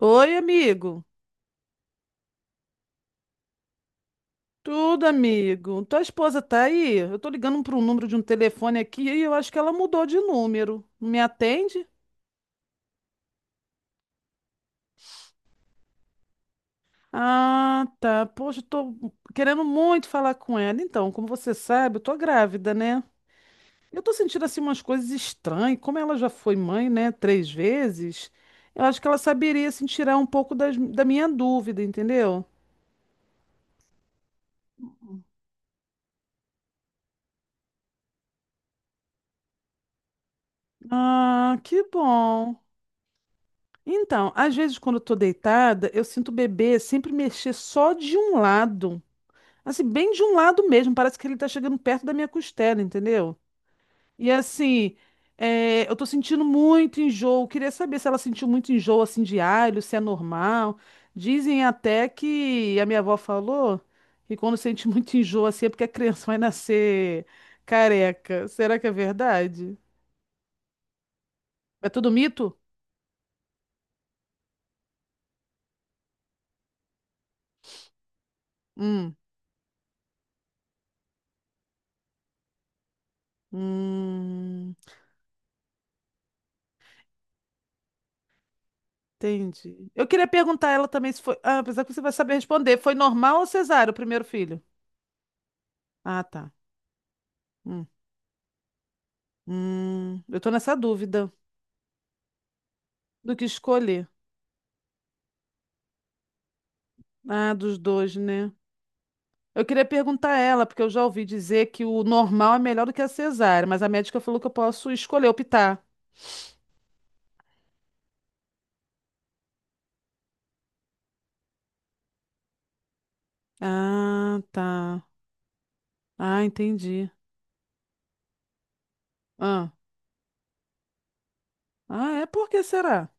Oi, amigo. Tudo, amigo. Tua esposa tá aí? Eu tô ligando para um número de um telefone aqui e eu acho que ela mudou de número. Não me atende? Ah, tá. Poxa, eu tô querendo muito falar com ela. Então, como você sabe, eu tô grávida, né? Eu tô sentindo assim umas coisas estranhas. Como ela já foi mãe, né, 3 vezes, eu acho que ela saberia assim tirar um pouco da minha dúvida, entendeu? Ah, que bom. Então, às vezes quando eu tô deitada, eu sinto o bebê sempre mexer só de um lado. Assim, bem de um lado mesmo, parece que ele tá chegando perto da minha costela, entendeu? E assim, eu tô sentindo muito enjoo. Queria saber se ela sentiu muito enjoo assim diário, se é normal. Dizem até que a minha avó falou que quando sente muito enjoo assim é porque a criança vai nascer careca. Será que é verdade? É tudo mito? Hum. Hum. Entendi. Eu queria perguntar a ela também se foi. Ah, apesar que você vai saber responder. Foi normal ou cesárea o primeiro filho? Ah, tá. Hum. Eu tô nessa dúvida do que escolher. Ah, dos dois, né? Eu queria perguntar a ela, porque eu já ouvi dizer que o normal é melhor do que a cesárea, mas a médica falou que eu posso escolher, optar. Ah, tá. Ah, entendi. Ah, ah, é por que será?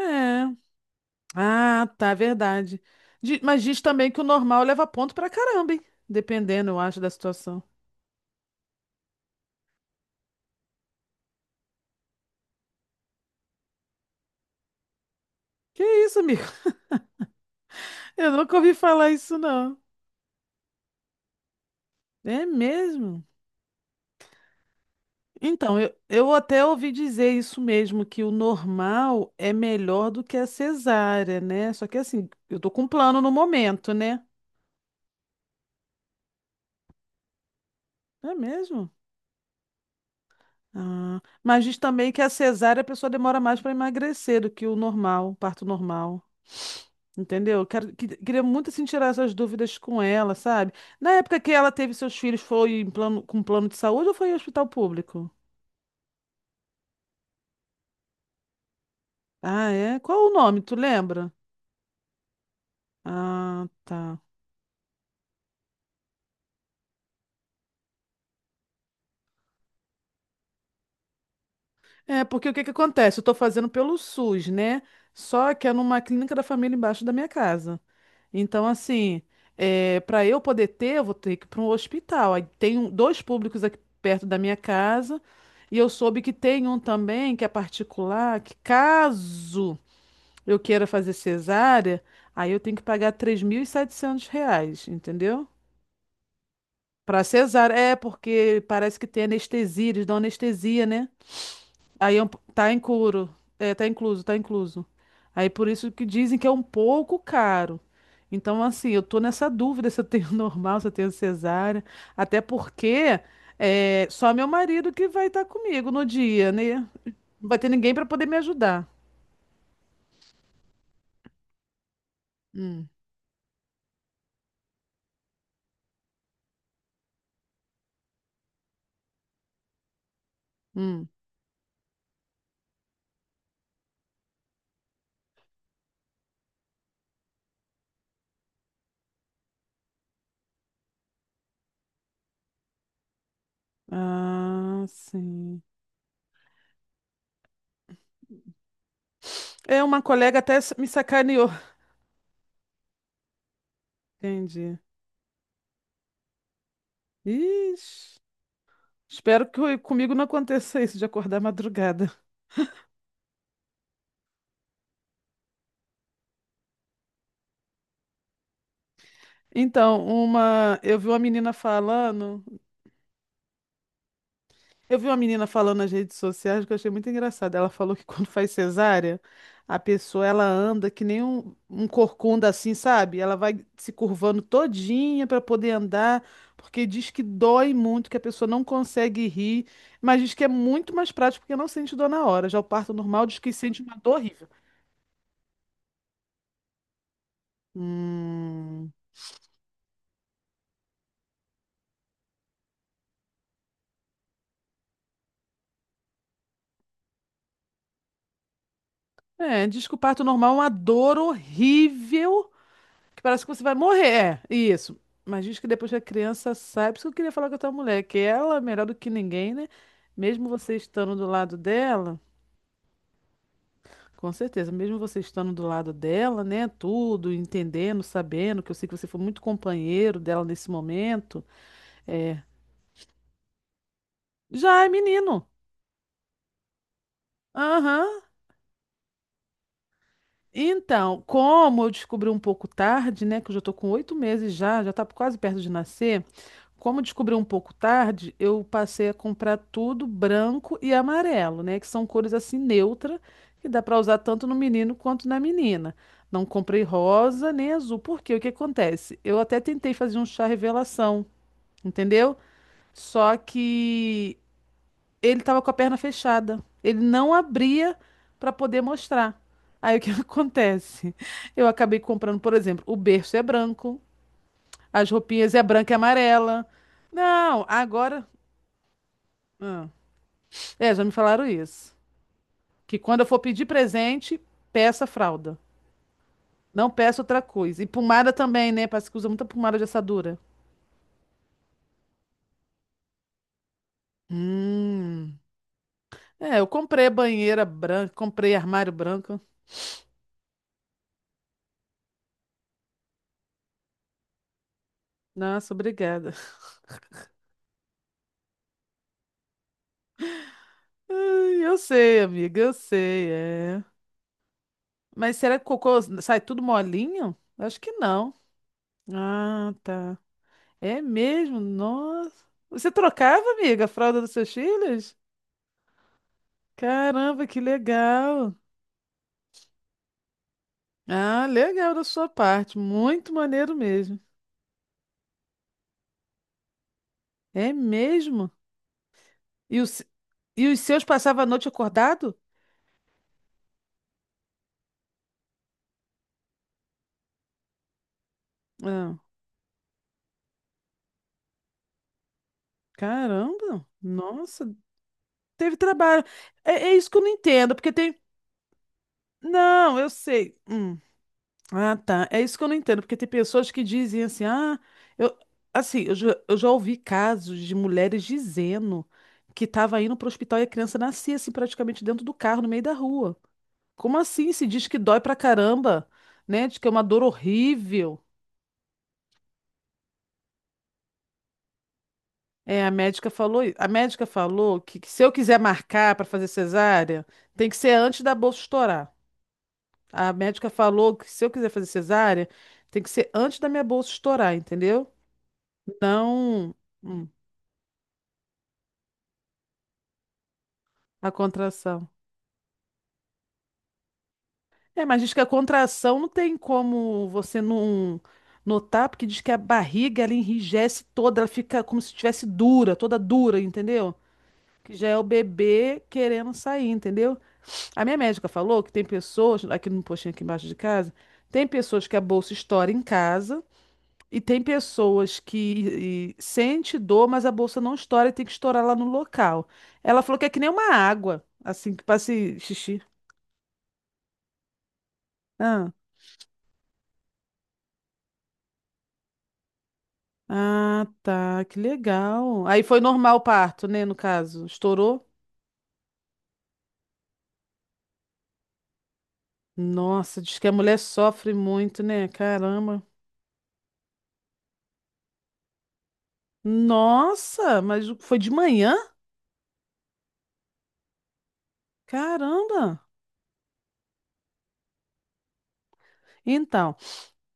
É. Ah, tá, é verdade. Mas diz também que o normal leva ponto pra caramba, hein? Dependendo, eu acho, da situação. Que isso, amigo? Eu nunca ouvi falar isso, não. É mesmo? Então, eu até ouvi dizer isso mesmo, que o normal é melhor do que a cesárea, né? Só que assim, eu tô com plano no momento, né? É mesmo? Ah, mas diz também que a cesárea a pessoa demora mais para emagrecer do que o normal, o parto normal. Entendeu? Quero, queria muito assim, tirar essas dúvidas com ela, sabe? Na época que ela teve seus filhos, foi em plano, com plano de saúde ou foi em hospital público? Ah, é? Qual o nome? Tu lembra? Ah, tá. É, porque o que que acontece? Eu estou fazendo pelo SUS, né? Só que é numa clínica da família embaixo da minha casa. Então, assim, para eu poder ter, eu vou ter que ir para um hospital. Aí tem dois públicos aqui perto da minha casa. E eu soube que tem um também, que é particular, que caso eu queira fazer cesárea, aí eu tenho que pagar R$ 3.700, entendeu? Para cesárea, é porque parece que tem anestesia, eles dão anestesia, né? Aí é um, tá incuro. É, tá incluso, tá incluso. Aí por isso que dizem que é um pouco caro. Então, assim, eu tô nessa dúvida se eu tenho normal, se eu tenho cesárea. Até porque é, só meu marido que vai estar comigo no dia, né? Não vai ter ninguém para poder me ajudar. Hum, hum. Ah, sim. É, uma colega até me sacaneou. Entendi. Ixi, espero que comigo não aconteça isso de acordar madrugada. Então, eu vi uma menina falando nas redes sociais que eu achei muito engraçado. Ela falou que quando faz cesárea, a pessoa ela anda que nem um corcunda assim, sabe? Ela vai se curvando todinha para poder andar, porque diz que dói muito, que a pessoa não consegue rir, mas diz que é muito mais prático porque não sente dor na hora. Já o parto normal diz que sente uma dor horrível. Hum. É, diz que o parto normal é uma dor horrível. Que parece que você vai morrer. É, isso. Mas diz que depois que a criança sai, por isso que eu queria falar com a tua mulher, que ela é melhor do que ninguém, né? Mesmo você estando do lado dela, com certeza, mesmo você estando do lado dela, né? Tudo, entendendo, sabendo, que eu sei que você foi muito companheiro dela nesse momento, já é menino. Aham. Então, como eu descobri um pouco tarde, né? Que eu já tô com 8 meses já, já tá quase perto de nascer. Como descobri um pouco tarde, eu passei a comprar tudo branco e amarelo, né? Que são cores assim neutras, que dá para usar tanto no menino quanto na menina. Não comprei rosa nem azul, porque o que acontece? Eu até tentei fazer um chá revelação, entendeu? Só que ele tava com a perna fechada. Ele não abria para poder mostrar. Aí o que acontece? Eu acabei comprando, por exemplo, o berço é branco, as roupinhas é branca e amarela. Não, agora. Ah. É, já me falaram isso. Que quando eu for pedir presente, peça fralda. Não peça outra coisa. E pomada também, né? Parece que usa muita pomada de assadura. Hum. É, eu comprei banheira branca, comprei armário branco. Nossa, obrigada. Ai, eu sei, amiga, eu sei, é. Mas será que o cocô sai tudo molinho? Acho que não. Ah, tá. É mesmo? Nossa. Você trocava, amiga, a fralda dos seus filhos? Caramba, que legal. Ah, legal da sua parte. Muito maneiro mesmo. É mesmo? E, os e os seus passavam a noite acordado? Ah, caramba! Nossa, teve trabalho. É, é isso que eu não entendo, porque tem. Não, eu sei. Hum. Ah, tá. É isso que eu não entendo, porque tem pessoas que dizem assim, ah, eu. Assim, eu já ouvi casos de mulheres dizendo que estava indo para o hospital e a criança nascia assim praticamente dentro do carro, no meio da rua. Como assim? Se diz que dói pra caramba, né? Diz que é uma dor horrível. É, a médica falou que se eu quiser marcar para fazer cesárea, tem que ser antes da bolsa estourar. A médica falou que se eu quiser fazer cesárea, tem que ser antes da minha bolsa estourar, entendeu? Não, hum, a contração. É, mas diz que a contração não tem como você não notar, porque diz que a barriga ela enrijece toda, ela fica como se estivesse dura, toda dura, entendeu? Que já é o bebê querendo sair, entendeu? A minha médica falou que tem pessoas, aqui no postinho aqui embaixo de casa, tem pessoas que a bolsa estoura em casa e tem pessoas que sente dor, mas a bolsa não estoura e tem que estourar lá no local. Ela falou que é que nem uma água, assim, que passa xixi. Ah, ah, tá, que legal. Aí foi normal o parto, né, no caso? Estourou? Nossa, diz que a mulher sofre muito, né? Caramba. Nossa, mas foi de manhã? Caramba! Então,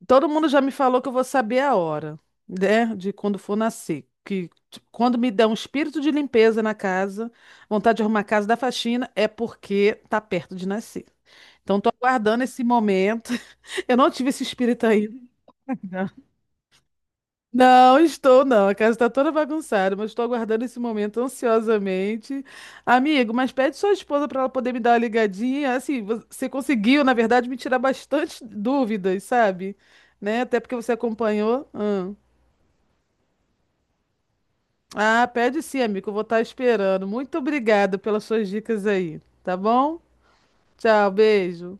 todo mundo já me falou que eu vou saber a hora, né, de quando for nascer. Que quando me dá um espírito de limpeza na casa, vontade de arrumar a casa da faxina, é porque tá perto de nascer. Então, tô aguardando esse momento. Eu não tive esse espírito ainda. Não, estou não. A casa está toda bagunçada, mas estou aguardando esse momento ansiosamente. Amigo, mas pede sua esposa para ela poder me dar uma ligadinha. Assim, você conseguiu, na verdade, me tirar bastante dúvidas, sabe? Né? Até porque você acompanhou. Hum. Ah, pede sim, amigo. Eu vou estar esperando. Muito obrigada pelas suas dicas aí, tá bom? Tchau, beijo.